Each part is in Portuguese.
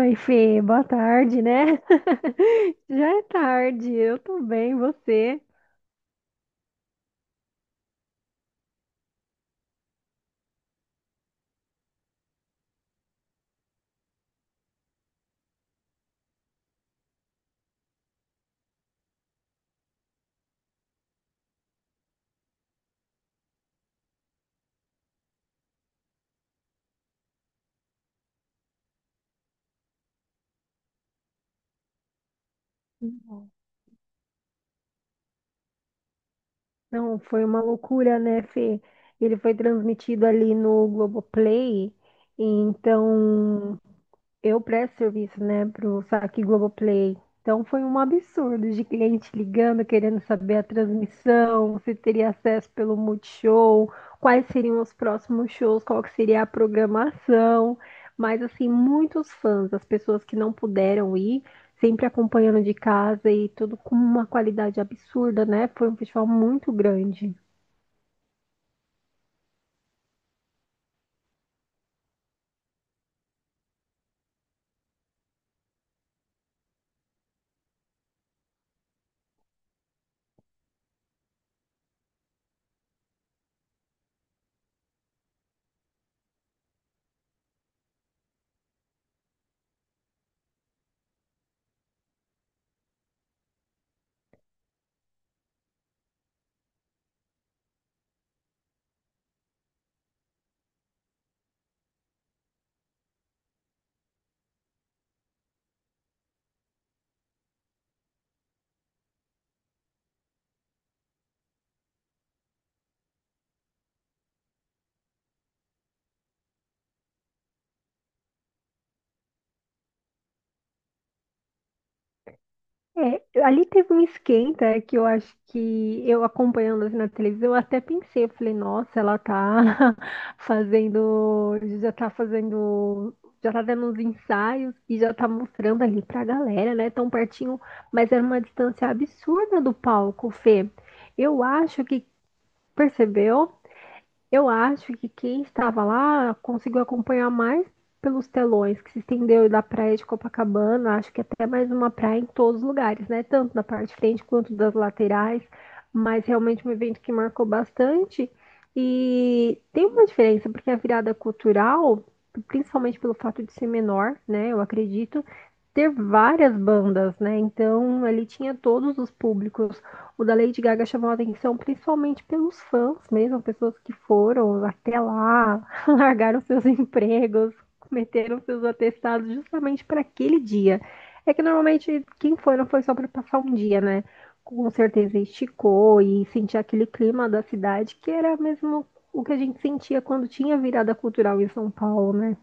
Oi, Fê, boa tarde, né? Já é tarde, eu tô bem, você? Uhum. Não, foi uma loucura, né, Fê? Ele foi transmitido ali no Globoplay, então eu presto serviço, né, pro saque Globoplay. Então foi um absurdo de cliente ligando, querendo saber a transmissão, se teria acesso pelo Multishow, quais seriam os próximos shows, qual que seria a programação. Mas assim, muitos fãs, as pessoas que não puderam ir, sempre acompanhando de casa e tudo com uma qualidade absurda, né? Foi um festival muito grande. É, ali teve um esquenta que eu acho que eu acompanhando assim, na televisão, eu até pensei, eu falei, nossa, ela tá fazendo, já tá dando uns ensaios e já tá mostrando ali pra galera, né, tão pertinho, mas era uma distância absurda do palco, Fê. Eu acho que, percebeu? Eu acho que quem estava lá conseguiu acompanhar mais pelos telões que se estendeu da praia de Copacabana, acho que até mais uma praia em todos os lugares, né? Tanto da parte de frente quanto das laterais, mas realmente um evento que marcou bastante. E tem uma diferença, porque a virada cultural, principalmente pelo fato de ser menor, né? Eu acredito, ter várias bandas, né? Então ali tinha todos os públicos. O da Lady Gaga chamou a atenção principalmente pelos fãs mesmo, pessoas que foram até lá, largaram seus empregos, meteram seus atestados justamente para aquele dia. É que normalmente quem foi não foi só para passar um dia, né? Com certeza esticou e sentia aquele clima da cidade que era mesmo o que a gente sentia quando tinha virada cultural em São Paulo, né?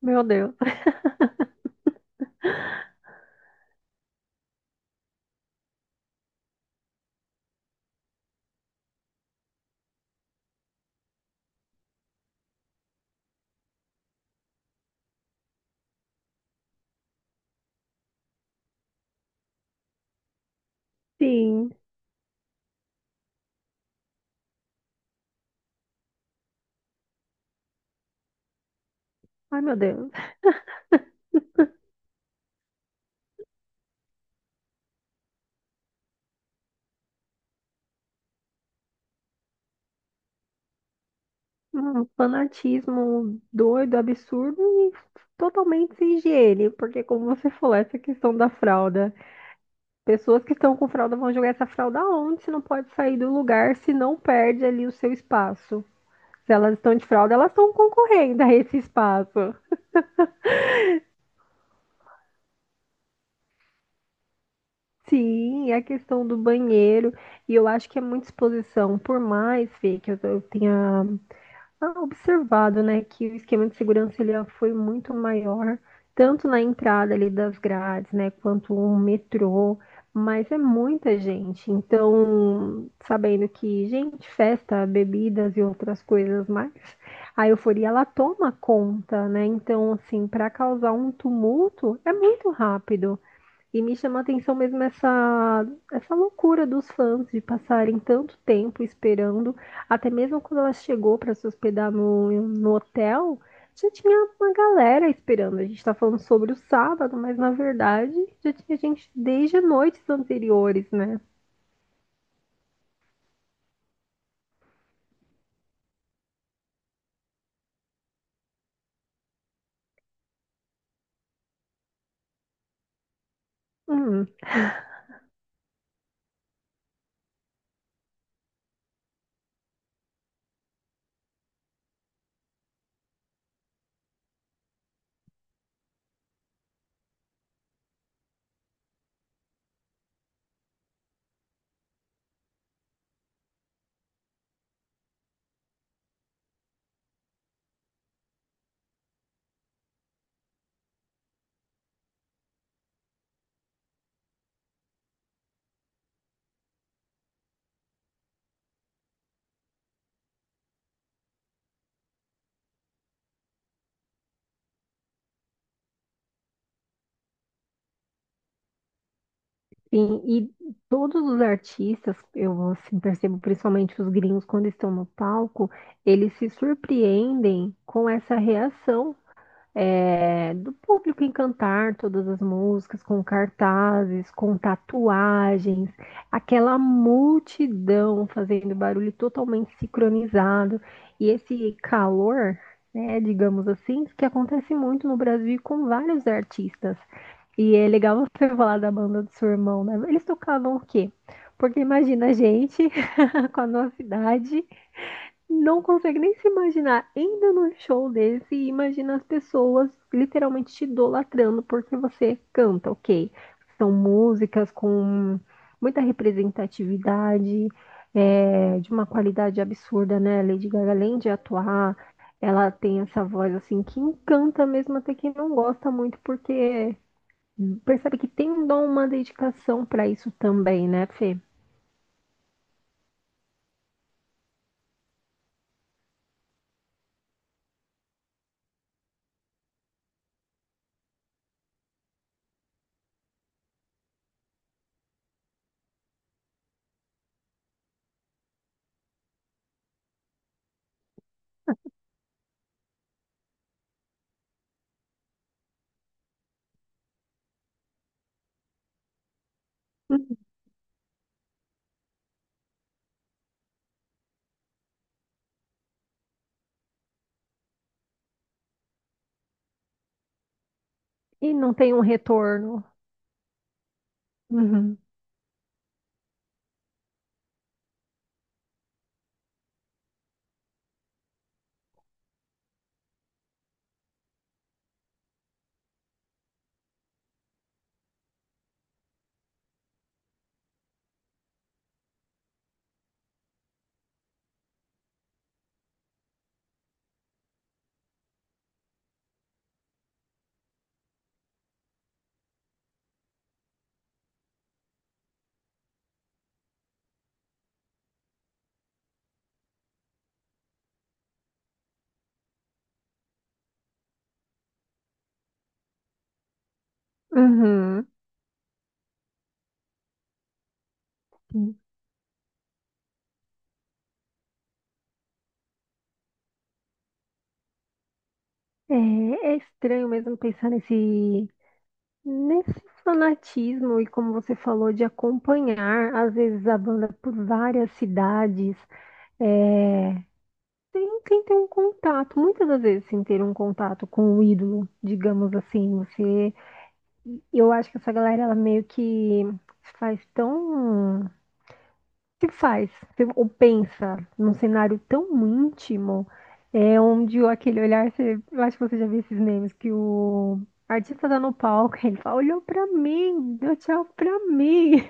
Meu Deus. Sim. Ai, meu Deus. Um fanatismo doido, absurdo e totalmente sem higiene, porque como você falou, essa questão da fralda, pessoas que estão com fralda vão jogar essa fralda onde? Se não pode sair do lugar, se não perde ali o seu espaço. Se elas estão de fralda, elas estão concorrendo a esse espaço. Sim, é a questão do banheiro, e eu acho que é muita exposição, por mais, Fê, que eu tenha, ah, observado, né, que o esquema de segurança ele foi muito maior, tanto na entrada ali das grades, né, quanto o metrô, mas é muita gente. Então, sabendo que, gente, festa, bebidas e outras coisas mais, a euforia ela toma conta, né? Então, assim, para causar um tumulto é muito rápido. E me chama a atenção mesmo essa, essa loucura dos fãs de passarem tanto tempo esperando. Até mesmo quando ela chegou para se hospedar no hotel, já tinha uma galera esperando. A gente está falando sobre o sábado, mas na verdade já tinha gente desde noites anteriores, né? Hum, sim, e todos os artistas, eu assim, percebo principalmente os gringos quando estão no palco, eles se surpreendem com essa reação, é, do público encantar todas as músicas, com cartazes, com tatuagens, aquela multidão fazendo barulho totalmente sincronizado, e esse calor, né, digamos assim, que acontece muito no Brasil e com vários artistas. E é legal você falar da banda do seu irmão, né? Eles tocavam o quê? Porque imagina a gente com a nossa idade não consegue nem se imaginar ainda num show desse e imagina as pessoas literalmente te idolatrando porque você canta, ok? São músicas com muita representatividade, é, de uma qualidade absurda, né? Lady Gaga, além de atuar, ela tem essa voz assim que encanta mesmo até quem não gosta muito, porque percebe que tem um dom, uma dedicação para isso também, né, Fê? Uhum. E não tem um retorno. Uhum. Uhum. É, é estranho mesmo pensar nesse, nesse fanatismo e como você falou, de acompanhar às vezes a banda por várias cidades, é, sem ter um contato, muitas das vezes sem ter um contato com o ídolo, digamos assim. Você, eu acho que essa galera ela meio que faz tão que faz se- ou pensa num cenário tão íntimo, é onde o- aquele olhar, você- eu acho que você já viu esses memes, que o artista tá no palco, ele fala, olhou pra mim, deu tchau pra mim.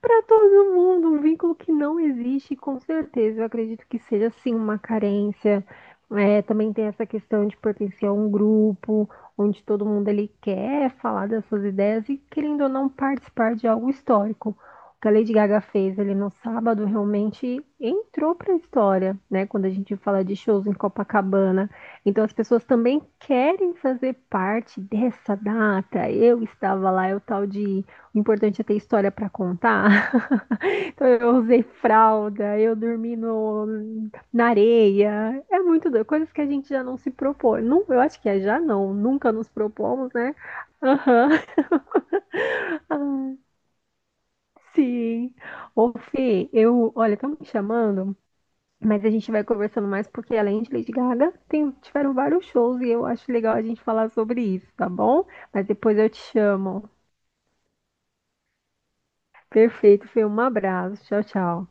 Para todo mundo, um vínculo que não existe, com certeza. Eu acredito que seja sim uma carência. É, também tem essa questão de pertencer a um grupo, onde todo mundo ele quer falar das suas ideias e querendo ou não participar de algo histórico. O que a Lady Gaga fez ali no sábado realmente entrou para a história, né? Quando a gente fala de shows em Copacabana. Então as pessoas também querem fazer parte dessa data. Eu estava lá, é o tal de o importante é ter história para contar. Então eu usei fralda, eu dormi no, na areia. É muito doido, coisas que a gente já não se propõe. Não, eu acho que é já não, nunca nos propomos, né? Aham. Sim. Ô, Fê, eu, olha, estão me chamando, mas a gente vai conversando mais porque além de Lady Gaga, tem- tiveram vários shows e eu acho legal a gente falar sobre isso, tá bom? Mas depois eu te chamo. Perfeito, Fê, um abraço. Tchau, tchau.